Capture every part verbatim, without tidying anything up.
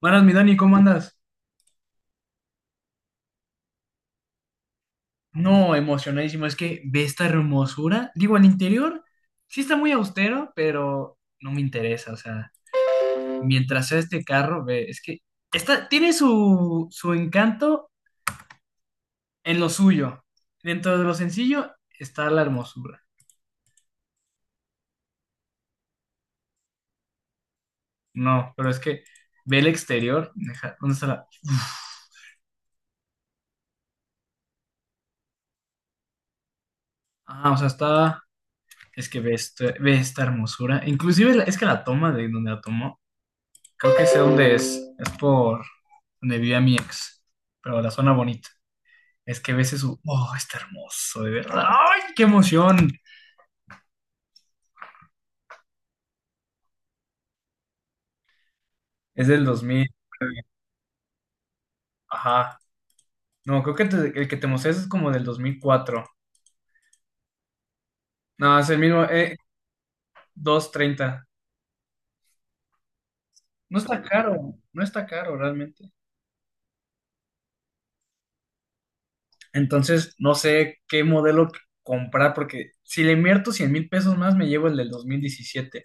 Buenas, mi Dani, ¿cómo andas? No, emocionadísimo. Es que ve esta hermosura. Digo, el interior sí está muy austero, pero no me interesa. O sea, mientras sea este carro, ve, es que está, tiene su, su encanto en lo suyo. Dentro de lo sencillo está la hermosura. No, pero es que ve el exterior. Deja, ¿dónde está la? Ah, o sea, está. Es que ve, esto- ve esta hermosura. Inclusive la- es que la toma de donde la tomó. Creo que sé dónde es. Es por donde vivía mi ex, pero la zona bonita. Es que ves su, oh, está hermoso, de verdad. ¡Ay, qué emoción! Es del dos mil. Ajá. No, creo que te- el que te mostré es como del dos mil cuatro. No, es el mismo, eh, doscientos treinta. No está caro, no está caro realmente. Entonces, no sé qué modelo comprar, porque si le invierto cien mil pesos más, me llevo el del dos mil diecisiete.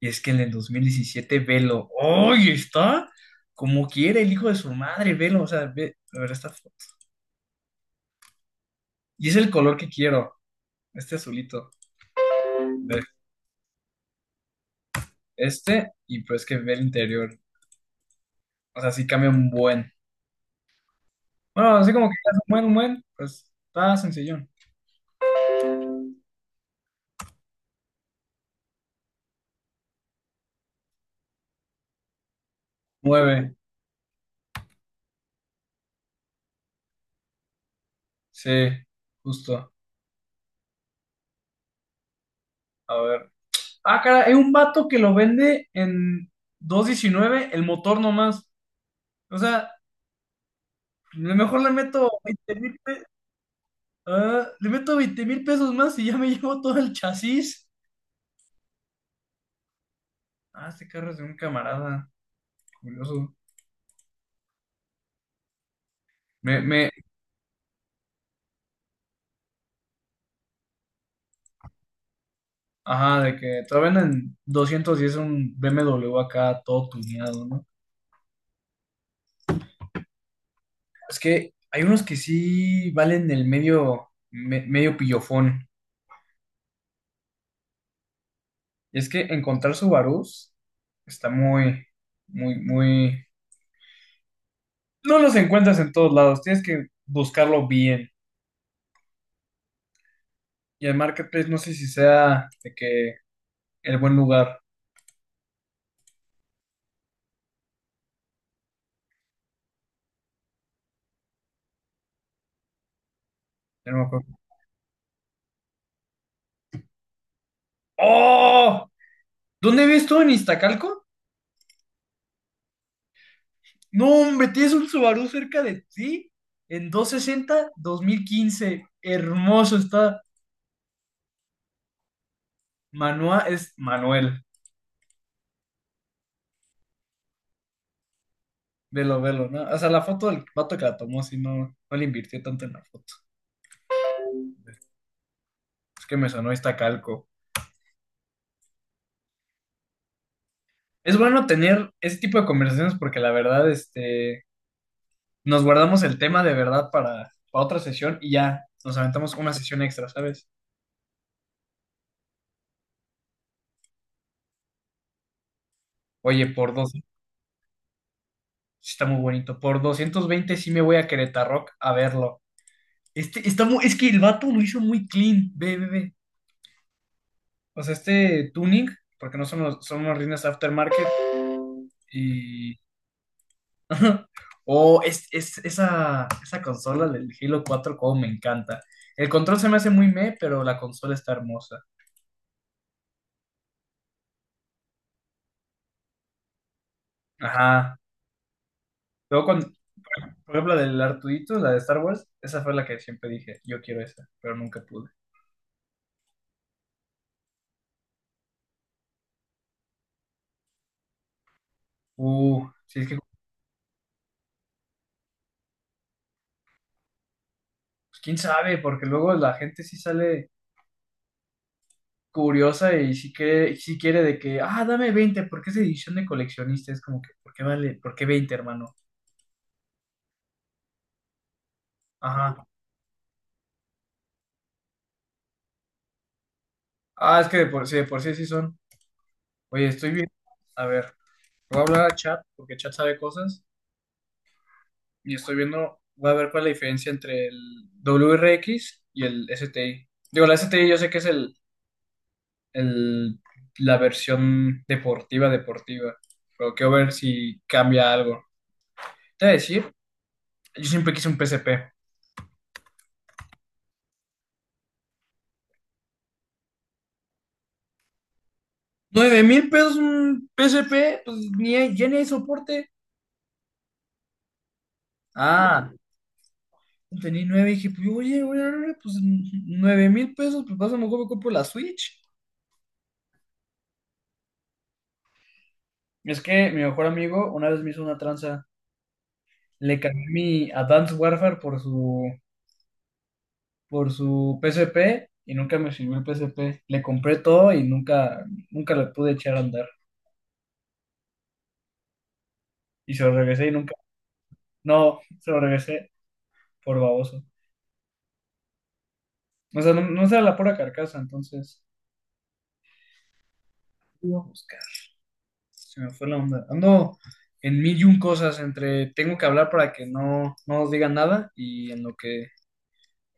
Y es que en el dos mil diecisiete, Velo, ¡ay! Está como quiere el hijo de su madre, Velo. O sea, ve, a ver esta foto. Y es el color que quiero, este azulito. Ve, este, y pues que ve el interior. O sea, sí cambia un buen. Bueno, así como que es un buen, un buen, pues está sencillón. Nueve, sí, justo. A ver. Ah, cara, hay un vato que lo vende en dos diecinueve, el motor nomás. O sea, a lo mejor le meto veinte. Ah, le meto veinte mil pesos más y ya me llevo todo el chasis. Ah, este carro es de un camarada. Curioso. Me, me, ajá, de que te lo venden doscientos diez un B M W acá todo tuneado, ¿no? Es que hay unos que sí valen el medio, me- medio pillofón. Y es que encontrar Subarús está muy, muy, muy. No los encuentras en todos lados, tienes que buscarlo bien. Y el marketplace no sé si sea de que el buen lugar. Ya no. ¡Oh! ¿Dónde ves tú en Iztacalco? No, hombre, tienes un Subaru cerca de ti. En doscientos sesenta, dos mil quince. Hermoso está. Manuel es Manuel. Velo, velo, ¿no? O sea, la foto del vato que la tomó, sí, no, no le invirtió tanto en la foto. Es que me sonó Iztacalco. Es bueno tener ese tipo de conversaciones porque la verdad, este, nos guardamos el tema de verdad para, para otra sesión y ya nos aventamos una sesión extra, ¿sabes? Oye, por dos. Sí, está muy bonito. Por doscientos veinte sí me voy a Querétaro a verlo. Este, está muy, es que el vato lo hizo muy clean. Ve, ve, ve. O sea, este tuning, porque no son, los- son unas rines aftermarket. Y. O es, es- esa, esa consola del Halo cuatro como me encanta. El control se me hace muy meh, pero la consola está hermosa. Ajá. Luego, cuando, por ejemplo, la del Artudito, la de Star Wars, esa fue la que siempre dije: yo quiero esa, pero nunca pude. Uh, sí es que, pues, quién sabe, porque luego la gente sí sale curiosa y sí quiere, sí quiere de que, ah, dame veinte porque es edición de coleccionista. Es como que, ¿por qué vale? ¿Por qué veinte, hermano? Ajá. Ah, es que de por sí, de por sí sí son. Oye, estoy viendo, a ver, voy a hablar a Chat, porque Chat sabe cosas, y estoy viendo, voy a ver cuál es la diferencia entre el W R X y el S T I. Digo, la S T I yo sé que es el, el, la versión deportiva, deportiva, pero quiero ver si cambia algo. Te voy a decir, yo siempre quise un P S P. Nueve mil pesos un P S P, pues ni hay- ya ni hay soporte. Ah, tenía nueve y dije, pues oye, oye, oye, pues nueve mil pesos, pues pasa, mejor me compro la Switch. Es que mi mejor amigo una vez me hizo una tranza, le cambié mi Advanced Warfare por su, por su P S P y nunca me sirvió el P S P. Le compré todo y nunca, nunca le pude echar a andar. Y se lo regresé y nunca, no, se lo regresé por baboso. O sea, no, no era la pura carcasa, entonces, iba a buscar. Se me fue la onda. Ando en mil y un cosas entre tengo que hablar para que no, no os digan nada y en lo que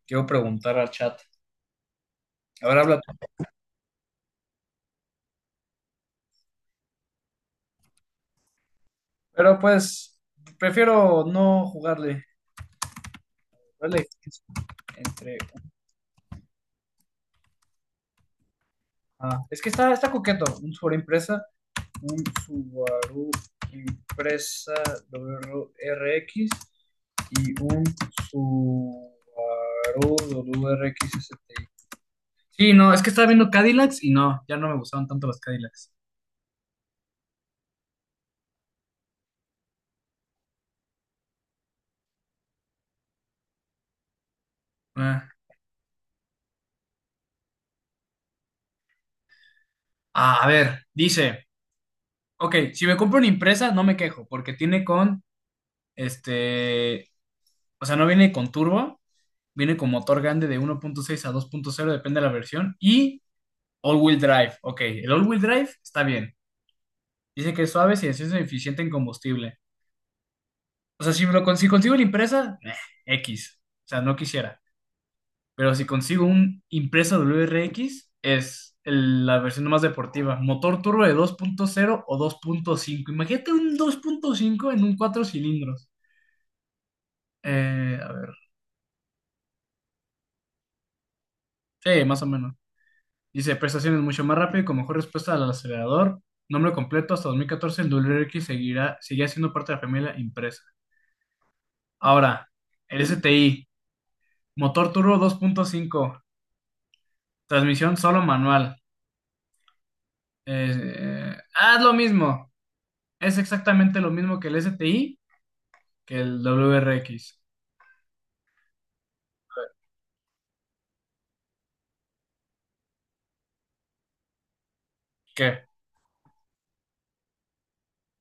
quiero preguntar al chat. A ver, habla tú. Pero pues, prefiero no jugarle. ¿Vale? Entre, ah, es que está, está coqueto. Un Subaru impresa, un Subaru impresa X y un Subaru W R X W R X S T I. Sí, no, es que estaba viendo Cadillacs y no, ya no me gustaban tanto los Cadillacs. Ah, a ver, dice, ok, si me compro una impresa no me quejo porque tiene con, este, o sea, no viene con turbo, viene con motor grande de uno punto seis a dos punto cero, depende de la versión, y all-wheel drive, ok, el all-wheel drive está bien, dice que es suave si es eficiente en combustible. O sea, si, me lo, con- si consigo la impresa, eh, X, o sea, no quisiera. Pero si consigo un impresa W R X, es el- la versión más deportiva. Motor turbo de dos punto cero o dos punto cinco. Imagínate un dos punto cinco en un cuatro cilindros. Eh, a ver. Sí, más o menos. Dice, prestaciones mucho más rápido y con mejor respuesta al acelerador. Nombre completo, hasta dos mil catorce el W R X seguirá, seguía siendo parte de la familia impresa. Ahora, el S T I. Motor turbo dos punto cinco. Transmisión solo manual. Eh, ah, es lo mismo. Es exactamente lo mismo que el S T I, que el W R X. ¿Qué?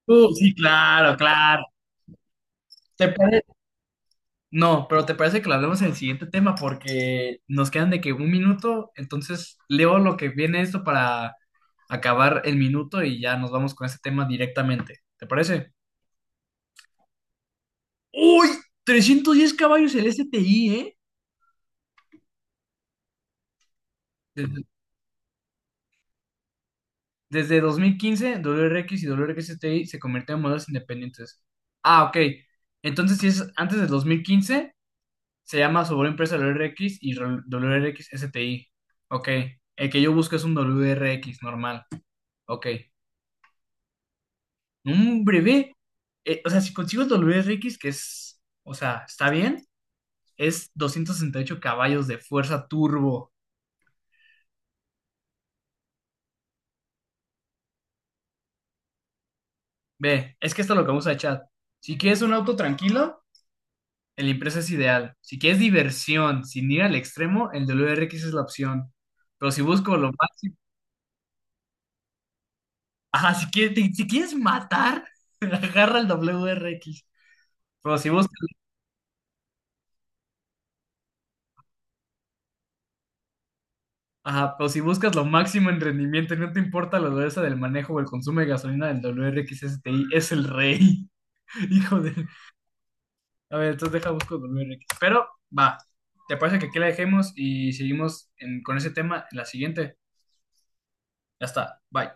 Uh, Sí, claro, claro. ¿Te pare- No, pero ¿te parece que lo hablemos en el siguiente tema? Porque nos quedan de que un minuto, entonces leo lo que viene esto para acabar el minuto y ya nos vamos con ese tema directamente. ¿Te parece? ¡Uy! Trescientos diez caballos el S T I, ¿eh? Desde, desde dos mil quince, W R X y W R X S T I se convirtieron en modelos independientes. Ah, ok. Entonces, si es antes del dos mil quince, se llama sobre empresa W R X y re- W R X S T I. Ok. El que yo busco es un W R X normal. Ok. Un breve. Eh, o sea, si consigo el W R X que es. O sea, está bien. Es doscientos sesenta y ocho caballos de fuerza turbo. Ve, es que esto es lo que vamos a echar. Si quieres un auto tranquilo, el Impresa es ideal. Si quieres diversión, sin ir al extremo, el W R X es la opción. Pero si busco lo máximo. Ajá, si quieres, si quieres matar, agarra el W R X. Pero si buscas, ajá, pero si buscas lo máximo en rendimiento y no te importa la dureza del manejo o el consumo de gasolina del W R X S T I, es el rey. Hijo de. A ver, entonces deja busco el W R X. Pero va. ¿Te parece que aquí la dejemos y seguimos en- con ese tema en la siguiente? Ya está. Bye.